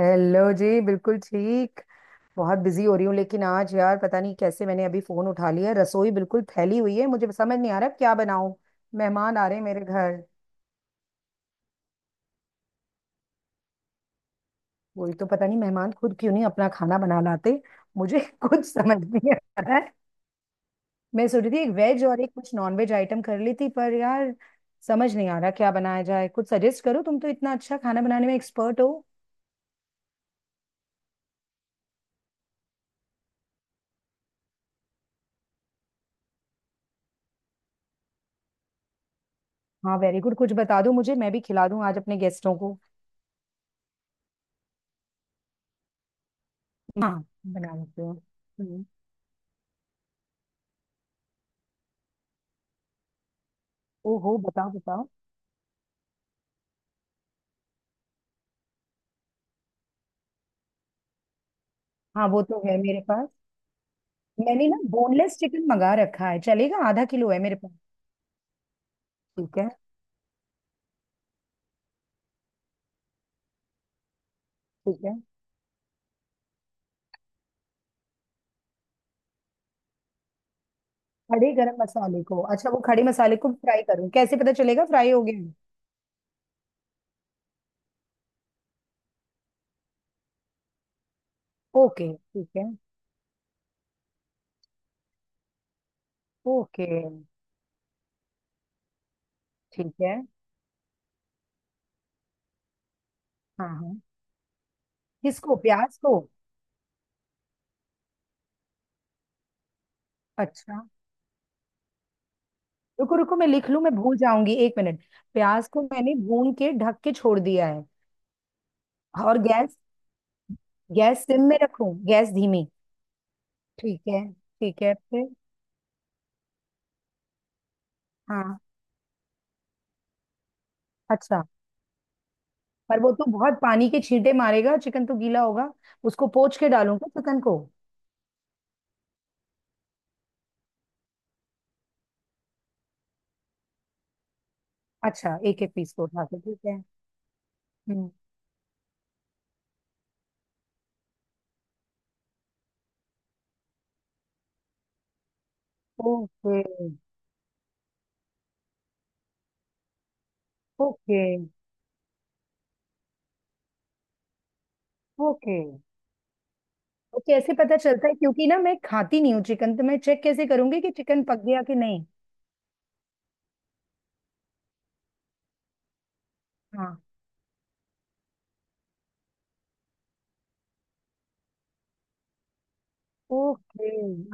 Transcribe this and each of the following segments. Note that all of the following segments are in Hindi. हेलो जी, बिल्कुल ठीक। बहुत बिजी हो रही हूँ, लेकिन आज यार पता नहीं कैसे मैंने अभी फोन उठा लिया। रसोई बिल्कुल फैली हुई है, मुझे समझ नहीं आ रहा क्या बनाऊं। मेहमान आ रहे हैं मेरे घर। वही तो पता नहीं, मेहमान खुद क्यों नहीं अपना खाना बना लाते। मुझे कुछ समझ नहीं आ रहा है। मैं सोच रही थी एक वेज और एक कुछ नॉन वेज आइटम कर ली थी, पर यार समझ नहीं आ रहा क्या बनाया जाए। कुछ सजेस्ट करो, तुम तो इतना अच्छा खाना बनाने में एक्सपर्ट हो। हाँ, वेरी गुड, कुछ बता दो मुझे, मैं भी खिला दूं आज अपने गेस्टों को। हाँ, बना लेते हो। ओहो, बताओ बताओ। हाँ, वो तो है मेरे पास। मैंने ना बोनलेस चिकन मंगा रखा है, चलेगा? आधा किलो है मेरे पास। ठीक है, ठीक है। खड़े गरम मसाले को, अच्छा, वो खड़े मसाले को फ्राई करूँ? कैसे पता चलेगा फ्राई हो गए? ओके, ठीक है। ओके, ठीक है। हाँ हाँ। किसको, प्याज को? अच्छा, रुको रुको, मैं लिख लूँ, मैं भूल जाऊंगी, एक मिनट। प्याज को मैंने भून के ढक के छोड़ दिया है। और गैस? गैस सिम में रखूं, गैस धीमी? ठीक है, ठीक है, फिर? हाँ। अच्छा, पर वो तो बहुत पानी के छींटे मारेगा, चिकन तो गीला होगा। उसको पोंछ के डालूंगा चिकन को। अच्छा, एक एक पीस को उठा के, ठीक है। हम्म। ओके। ओके। ओके, तो कैसे पता चलता है? क्योंकि ना मैं खाती नहीं हूँ चिकन, तो मैं चेक कैसे करूंगी कि चिकन पक गया कि नहीं। हाँ। ओके।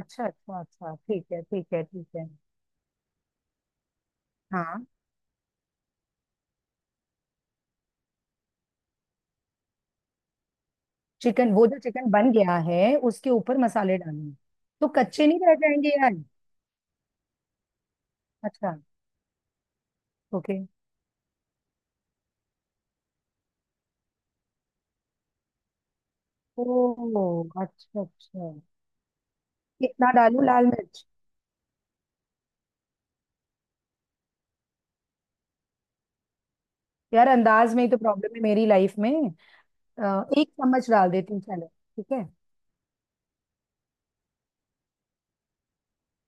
अच्छा अच्छा अच्छा, ठीक है ठीक है ठीक है। हाँ। चिकन, वो जो चिकन बन गया है उसके ऊपर मसाले डालने? तो कच्चे नहीं रह जाएंगे यार? अच्छा। ओके। ओ अच्छा अच्छा। कितना डालूं लाल मिर्च? यार अंदाज में ही तो प्रॉब्लम है मेरी लाइफ में। अ, एक चम्मच डाल देती हूँ, चलो। ठीक है।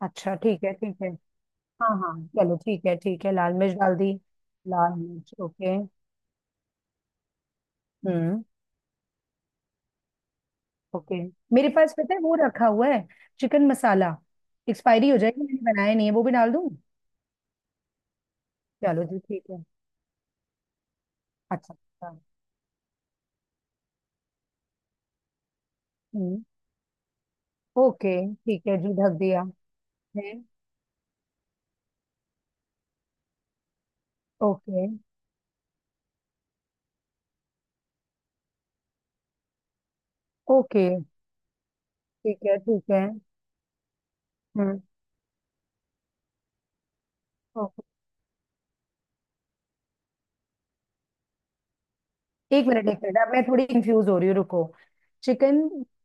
अच्छा ठीक है ठीक है। हाँ हाँ। चलो ठीक है ठीक है, लाल मिर्च डाल दी। लाल मिर्च ओके। हम्म। ओके। मेरे पास पता है वो रखा हुआ है, चिकन मसाला। एक्सपायरी हो जाएगी, मैंने बनाया नहीं है, वो भी डाल दूँ? चलो जी ठीक है। अच्छा अच्छा। हम्म। ओके, ठीक है जी, ढक दिया है। ओके। ओके ठीक है ठीक है। हम्म। ओके। एक मिनट एक मिनट, अब मैं थोड़ी कंफ्यूज हो रही हूँ, रुको। चिकन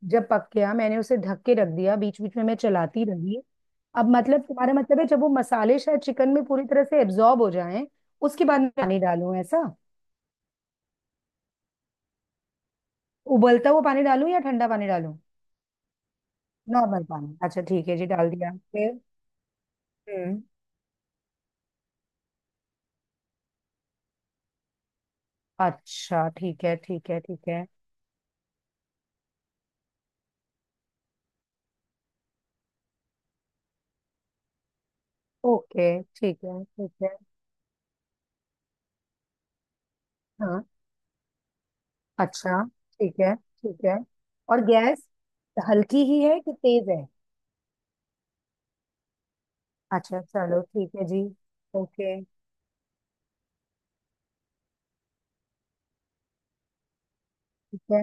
जब पक गया, मैंने उसे ढक के रख दिया, बीच बीच में मैं चलाती रही। अब मतलब तुम्हारा मतलब है जब वो मसाले शायद चिकन में पूरी तरह से एब्जॉर्ब हो जाएं, उसके बाद मैं पानी डालूं, ऐसा? उबलता हुआ पानी डालूं या ठंडा पानी डालूं? नॉर्मल पानी, अच्छा ठीक है जी, डाल दिया, फिर? हम्म। अच्छा ठीक है ठीक है ठीक है। ओके ठीक है ठीक है। हाँ। अच्छा ठीक है ठीक है। और गैस हल्की ही है कि तेज है? अच्छा चलो ठीक है जी। ओके। ठीक है।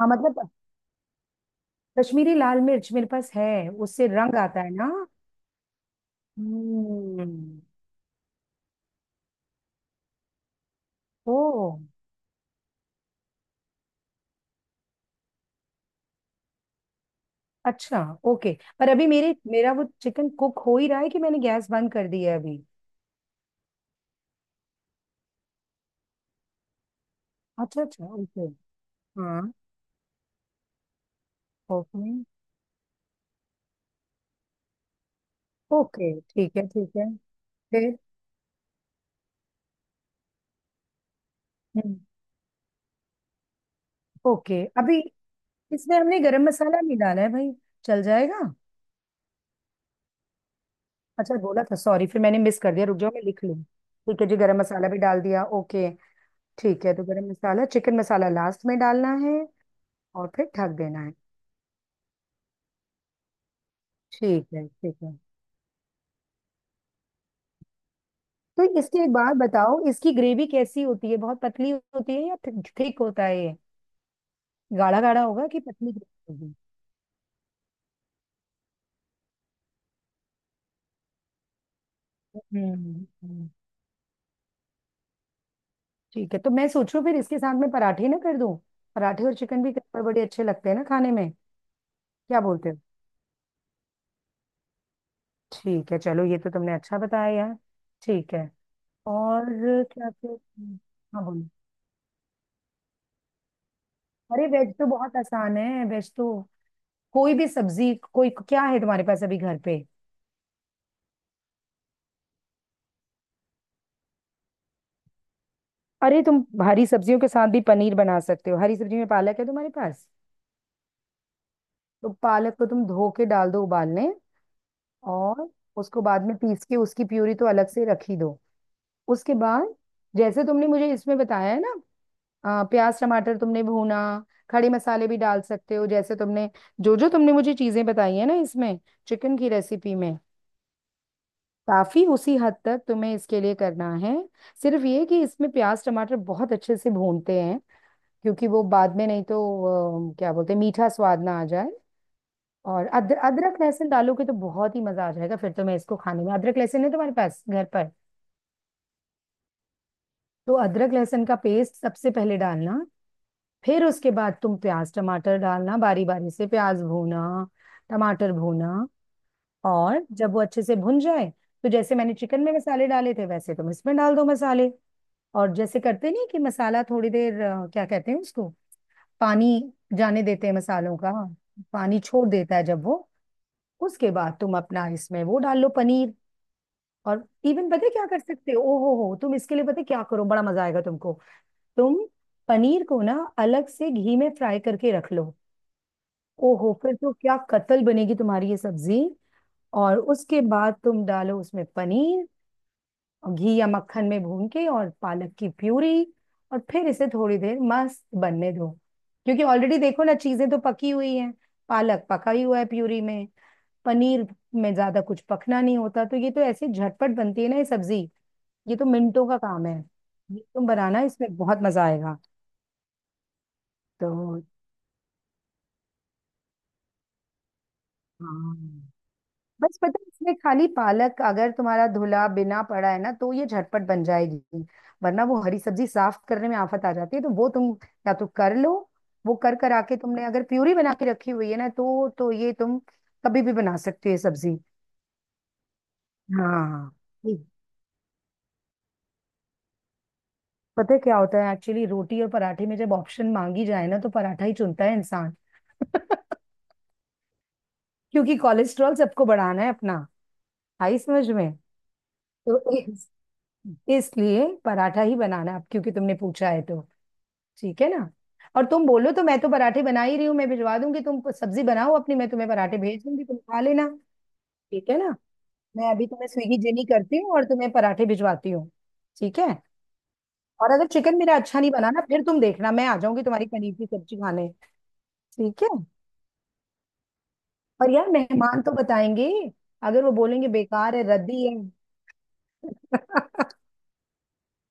हाँ मतलब कश्मीरी लाल मिर्च मेरे पास है, उससे रंग आता है ना? हम्म। ओ अच्छा। ओके। पर अभी मेरे, मेरा वो चिकन कुक हो ही रहा है कि मैंने गैस बंद कर दिया है अभी। अच्छा अच्छा ओके। हाँ। ओके। ओके ठीक है ठीक है, फिर? हम्म, ओके। अभी इसमें हमने गरम मसाला नहीं डाला है भाई, चल जाएगा? अच्छा, बोला था, सॉरी, फिर मैंने मिस कर दिया, रुक जाओ मैं लिख लूँ। ठीक है जी, गरम मसाला भी डाल दिया, ओके। ठीक है, तो गरम मसाला, चिकन मसाला लास्ट में डालना है और फिर ढक देना है। ठीक है ठीक है। तो इसके, एक बात बताओ, इसकी ग्रेवी कैसी होती है? बहुत पतली होती है या थिक होता है ये? गाढ़ा गाढ़ा होगा कि पतली ग्रेवी होगी? हम्म। ठीक है, तो मैं सोचूं फिर इसके साथ में पराठे ना कर दूं? पराठे और चिकन भी कई बार बड़े अच्छे लगते हैं ना खाने में। क्या बोलते हो? ठीक है, चलो ये तो तुमने अच्छा बताया यार। ठीक है। और क्या क्या? हाँ बोलो। अरे वेज तो बहुत आसान है, वेज तो। कोई भी सब्जी, कोई, क्या है तुम्हारे पास अभी घर पे? अरे तुम हरी सब्जियों के साथ भी पनीर बना सकते हो। हरी सब्जी में पालक है तुम्हारे पास? तो पालक को तुम धो के डाल दो उबालने। और उसको बाद में पीस के उसकी प्यूरी तो अलग से रख ही दो। उसके बाद जैसे तुमने मुझे इसमें बताया है ना, प्याज टमाटर तुमने भूना, खड़े मसाले भी डाल सकते हो जैसे तुमने, जो जो तुमने मुझे चीजें बताई है ना इसमें, चिकन की रेसिपी में, काफी उसी हद तक तुम्हें इसके लिए करना है। सिर्फ ये कि इसमें प्याज टमाटर बहुत अच्छे से भूनते हैं, क्योंकि वो बाद में नहीं तो क्या बोलते हैं, मीठा स्वाद ना आ जाए। और अदरक लहसुन डालोगे तो बहुत ही मजा आ जाएगा, फिर तुम्हें इसको खाने में। अदरक लहसुन है तुम्हारे पास घर पर? तो अदरक लहसुन का पेस्ट सबसे पहले डालना। फिर उसके बाद तुम प्याज टमाटर डालना बारी बारी से, प्याज भूना, टमाटर भूना। और जब वो अच्छे से भुन जाए, तो जैसे मैंने चिकन में मसाले डाले थे, वैसे तुम इसमें डाल दो मसाले। और जैसे करते नहीं कि मसाला थोड़ी देर, क्या कहते हैं उसको, पानी जाने देते हैं मसालों का, पानी छोड़ देता है जब वो, उसके बाद तुम अपना इसमें वो डाल लो, पनीर। और इवन, पता है क्या कर सकते हो? ओ हो, तुम इसके लिए पता है क्या करो, बड़ा मजा आएगा तुमको। तुम पनीर को ना अलग से घी में फ्राई करके रख लो। ओ हो, फिर तो क्या कतल बनेगी तुम्हारी ये सब्जी। और उसके बाद तुम डालो उसमें पनीर, और घी या मक्खन में भून के, और पालक की प्यूरी। और फिर इसे थोड़ी देर मस्त बनने दो। क्योंकि ऑलरेडी देखो ना, चीजें तो पकी हुई हैं। पालक पका ही हुआ है प्यूरी में, पनीर में ज्यादा कुछ पकना नहीं होता, तो ये तो ऐसे झटपट बनती है ना ये सब्जी। ये तो मिनटों का काम है। ये तुम बनाना, इसमें बहुत मजा आएगा। तो हाँ, बस पता है इसमें खाली पालक अगर तुम्हारा धुला बिना पड़ा है ना, तो ये झटपट बन जाएगी। वरना वो हरी सब्जी साफ करने में आफत आ जाती है, तो वो तुम या तो कर लो। वो कर कर आके तुमने अगर प्यूरी बना के रखी हुई है ना, तो ये तुम कभी भी बना सकते हो ये सब्जी। हाँ। ये पता है क्या होता है एक्चुअली, रोटी और पराठे में जब ऑप्शन मांगी जाए ना, तो पराठा ही चुनता है इंसान। क्योंकि कोलेस्ट्रॉल सबको बढ़ाना है अपना। आई समझ में? तो इस- इसलिए पराठा ही बनाना है अब, क्योंकि तुमने पूछा है तो। ठीक है ना? और तुम बोलो तो मैं तो पराठे बना ही रही हूँ, मैं भिजवा दूंगी। तुम सब्जी बनाओ अपनी, मैं तुम्हें पराठे भेज दूंगी, तुम खा लेना। ठीक है ना? मैं अभी तुम्हें स्विगी जेनी करती हूँ और तुम्हें पराठे भिजवाती हूँ। ठीक है। और अगर चिकन मेरा अच्छा नहीं बना ना, फिर तुम देखना मैं आ जाऊंगी तुम्हारी पनीर की सब्जी खाने। ठीक है। पर यार मेहमान तो बताएंगे, अगर वो बोलेंगे बेकार है, रद्दी है।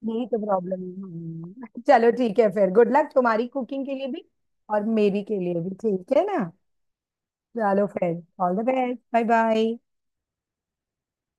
यही तो प्रॉब्लम है। हम्म। चलो ठीक है फिर, गुड लक तुम्हारी कुकिंग के लिए भी और मेरी के लिए भी, ठीक है ना। चलो फिर, all the best, bye bye.